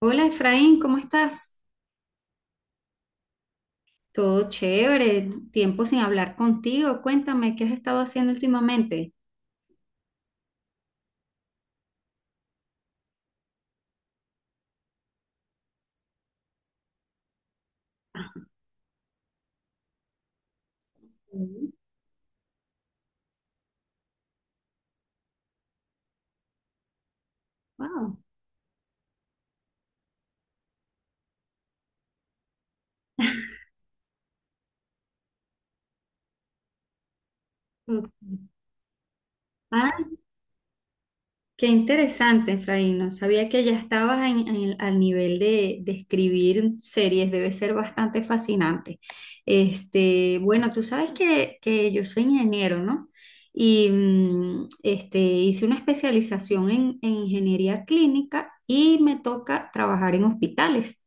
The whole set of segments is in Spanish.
Hola, Efraín, ¿cómo estás? Todo chévere, tiempo sin hablar contigo. Cuéntame, ¿qué has estado haciendo últimamente? Mm. Wow. Ok. Ah, qué interesante, Efraín. No sabía que ya estabas al nivel de escribir series. Debe ser bastante fascinante. Este, bueno, tú sabes que yo soy ingeniero, ¿no? Y hice una especialización en ingeniería clínica y me toca trabajar en hospitales.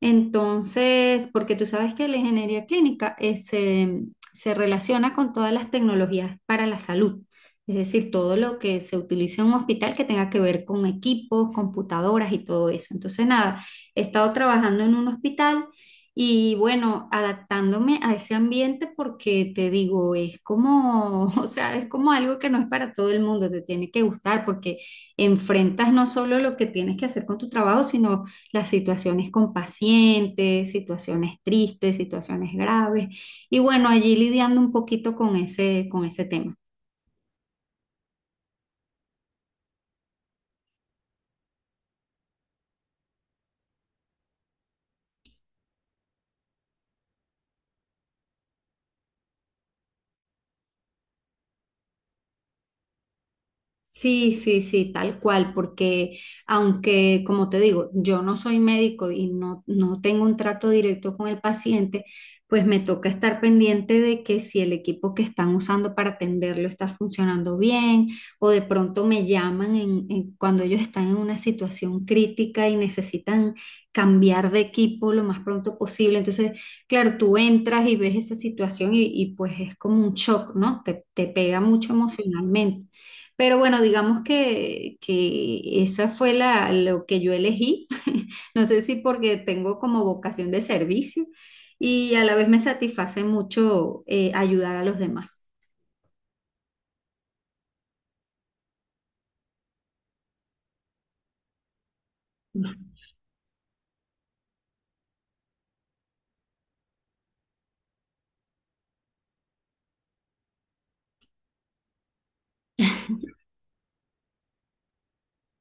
Entonces, porque tú sabes que la ingeniería clínica se relaciona con todas las tecnologías para la salud. Es decir, todo lo que se utilice en un hospital que tenga que ver con equipos, computadoras y todo eso. Entonces, nada, he estado trabajando en un hospital y bueno, adaptándome a ese ambiente porque te digo, es como, o sea, es como algo que no es para todo el mundo, te tiene que gustar porque enfrentas no solo lo que tienes que hacer con tu trabajo, sino las situaciones con pacientes, situaciones tristes, situaciones graves y bueno, allí lidiando un poquito con ese tema. Sí, sí, sí, tal cual, porque aunque, como te digo, yo no soy médico y no, no tengo un trato directo con el paciente, pues me toca estar pendiente de que si el equipo que están usando para atenderlo está funcionando bien, o de pronto me llaman cuando ellos están en una situación crítica y necesitan cambiar de equipo lo más pronto posible. Entonces, claro, tú entras y ves esa situación y pues es como un shock, ¿no? Te pega mucho emocionalmente. Pero bueno, digamos que esa fue la, lo que yo elegí. No sé si porque tengo como vocación de servicio y a la vez me satisface mucho ayudar a los demás.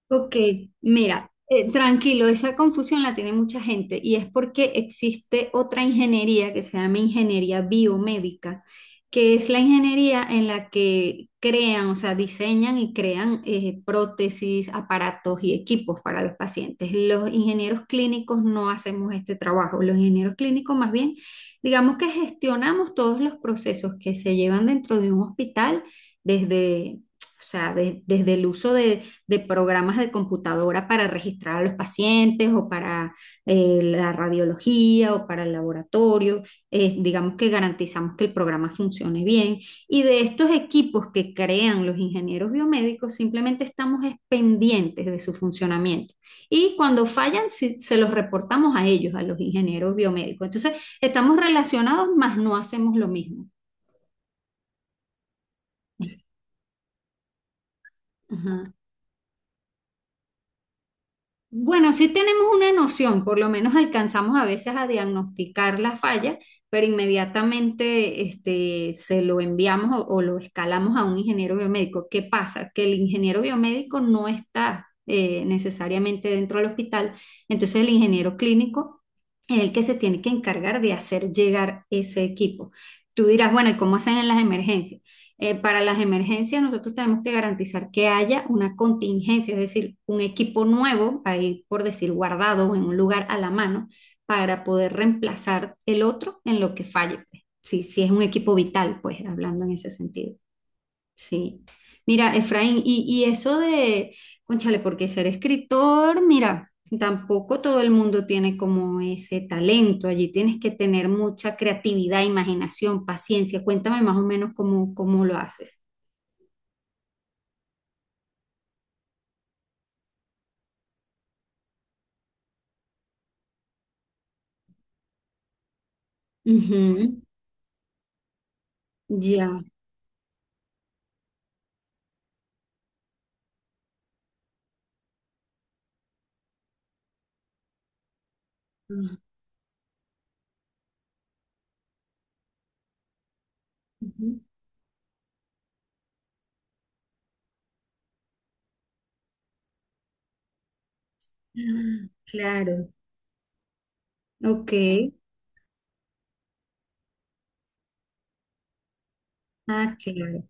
Ok, mira, tranquilo, esa confusión la tiene mucha gente y es porque existe otra ingeniería que se llama ingeniería biomédica, que es la ingeniería en la que crean, o sea, diseñan y crean prótesis, aparatos y equipos para los pacientes. Los ingenieros clínicos no hacemos este trabajo, los ingenieros clínicos más bien, digamos que gestionamos todos los procesos que se llevan dentro de un hospital desde... O sea, desde el uso de programas de computadora para registrar a los pacientes o para la radiología o para el laboratorio. Digamos que garantizamos que el programa funcione bien. Y de estos equipos que crean los ingenieros biomédicos, simplemente estamos pendientes de su funcionamiento. Y cuando fallan, si, se los reportamos a ellos, a los ingenieros biomédicos. Entonces, estamos relacionados, mas no hacemos lo mismo. Ajá. Bueno, sí tenemos una noción, por lo menos alcanzamos a veces a diagnosticar la falla, pero inmediatamente este, se lo enviamos o lo escalamos a un ingeniero biomédico. ¿Qué pasa? Que el ingeniero biomédico no está necesariamente dentro del hospital, entonces el ingeniero clínico es el que se tiene que encargar de hacer llegar ese equipo. Tú dirás, bueno, ¿y cómo hacen en las emergencias? Para las emergencias, nosotros tenemos que garantizar que haya una contingencia, es decir, un equipo nuevo, ahí por decir guardado en un lugar a la mano, para poder reemplazar el otro en lo que falle, pues. Si, si es un equipo vital, pues hablando en ese sentido. Sí. Mira, Efraín, y eso de, cónchale, porque ser escritor, mira, tampoco todo el mundo tiene como ese talento. Allí tienes que tener mucha creatividad, imaginación, paciencia. Cuéntame más o menos cómo, cómo lo haces. Ujú. Ya. Ah, ujú. Claro. Ok. Ah, claro.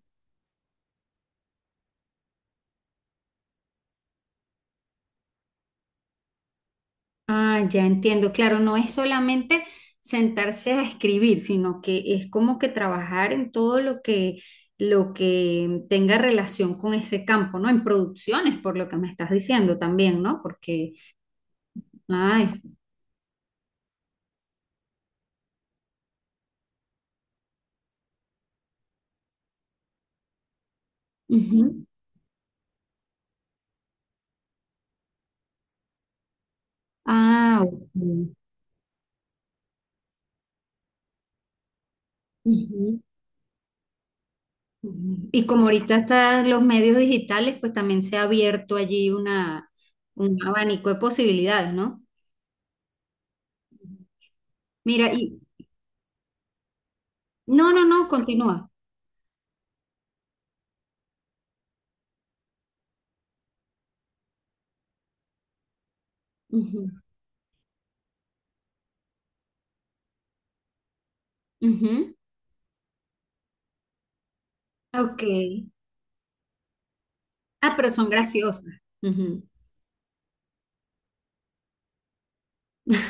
Ah, ya entiendo. Claro, no es solamente sentarse a escribir, sino que es como que trabajar en todo lo que tenga relación con ese campo, ¿no? En producciones, por lo que me estás diciendo también, ¿no? Porque, ah, es- ujú. Ah, ok. Ujú. Y como ahorita están los medios digitales, pues también se ha abierto allí una, un abanico de posibilidades, ¿no? Mira, y no, no, no, continúa. Ujú, ujú. Ok. Ah, pero son graciosas. Ujú.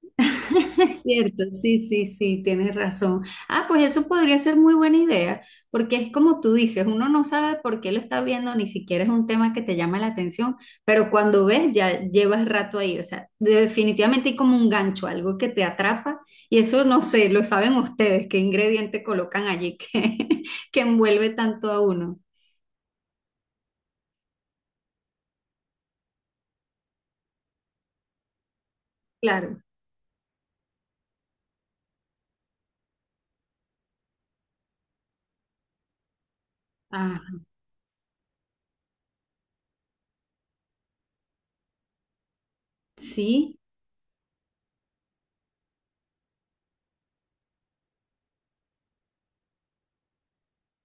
Es cierto, sí, sí, sí, tienes razón. Ah, pues eso podría ser muy buena idea, porque es como tú dices, uno no sabe por qué lo está viendo, ni siquiera es un tema que te llama la atención, pero cuando ves ya llevas rato ahí, o sea, definitivamente hay como un gancho, algo que te atrapa, y eso no sé, lo saben ustedes, qué ingrediente colocan allí que, que envuelve tanto a uno. Claro. Ah, sí.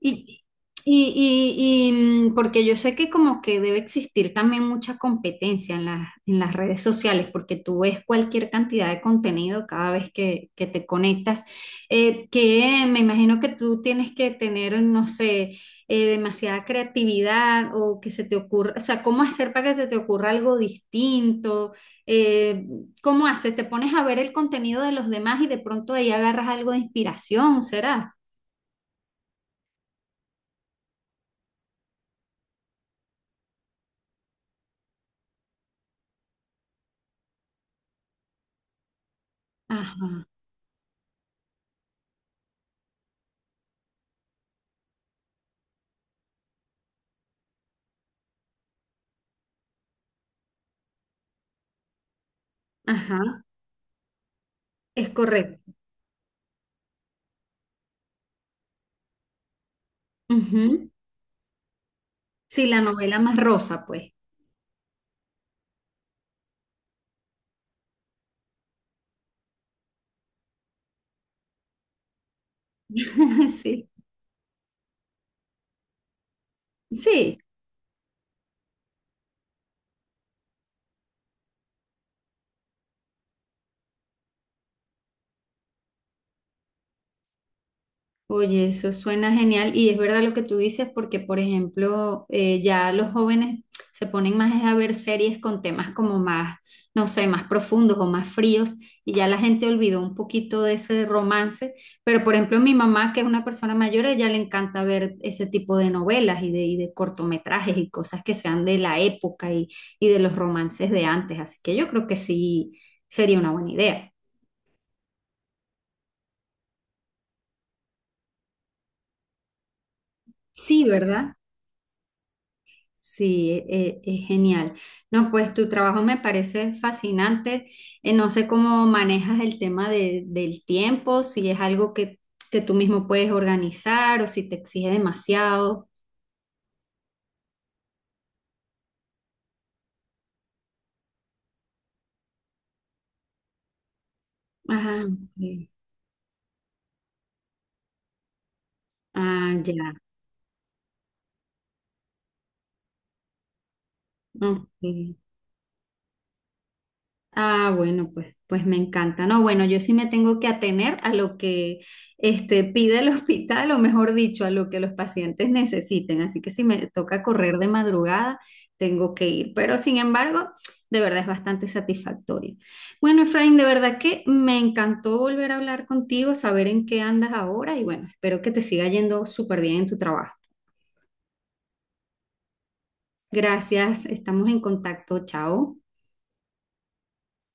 Y, y, porque yo sé que como que debe existir también mucha competencia en las redes sociales, porque tú ves cualquier cantidad de contenido cada vez que te conectas, que me imagino que tú tienes que tener, no sé, demasiada creatividad o que se te ocurra, o sea, ¿cómo hacer para que se te ocurra algo distinto? Eh, ¿Cómo haces? ¿Te pones a ver el contenido de los demás y de pronto ahí agarras algo de inspiración, será? Ajá, ajá. Es correcto. Ujú. Sí, la novela más rosa, pues. Sí, sí. Oye, eso suena genial y es verdad lo que tú dices porque, por ejemplo, ya los jóvenes se ponen más es a ver series con temas como más, no sé, más profundos o más fríos y ya la gente olvidó un poquito de ese romance, pero por ejemplo mi mamá, que es una persona mayor, a ella le encanta ver ese tipo de novelas y de cortometrajes y cosas que sean de la época y de los romances de antes, así que yo creo que sí sería una buena idea. Sí, ¿verdad? Sí, es genial. No, pues tu trabajo me parece fascinante. No sé cómo manejas el tema del tiempo, si es algo que tú mismo puedes organizar o si te exige demasiado. Ah, ok. Ah, ya. Ok. Ah, bueno, pues, pues me encanta. No, bueno, yo sí me tengo que atener a lo que este, pide el hospital, o mejor dicho, a lo que los pacientes necesiten. Así que si me toca correr de madrugada, tengo que ir. Pero sin embargo, de verdad es bastante satisfactorio. Bueno, Efraín, de verdad que me encantó volver a hablar contigo, saber en qué andas ahora y bueno, espero que te siga yendo súper bien en tu trabajo. Gracias, estamos en contacto. Chao.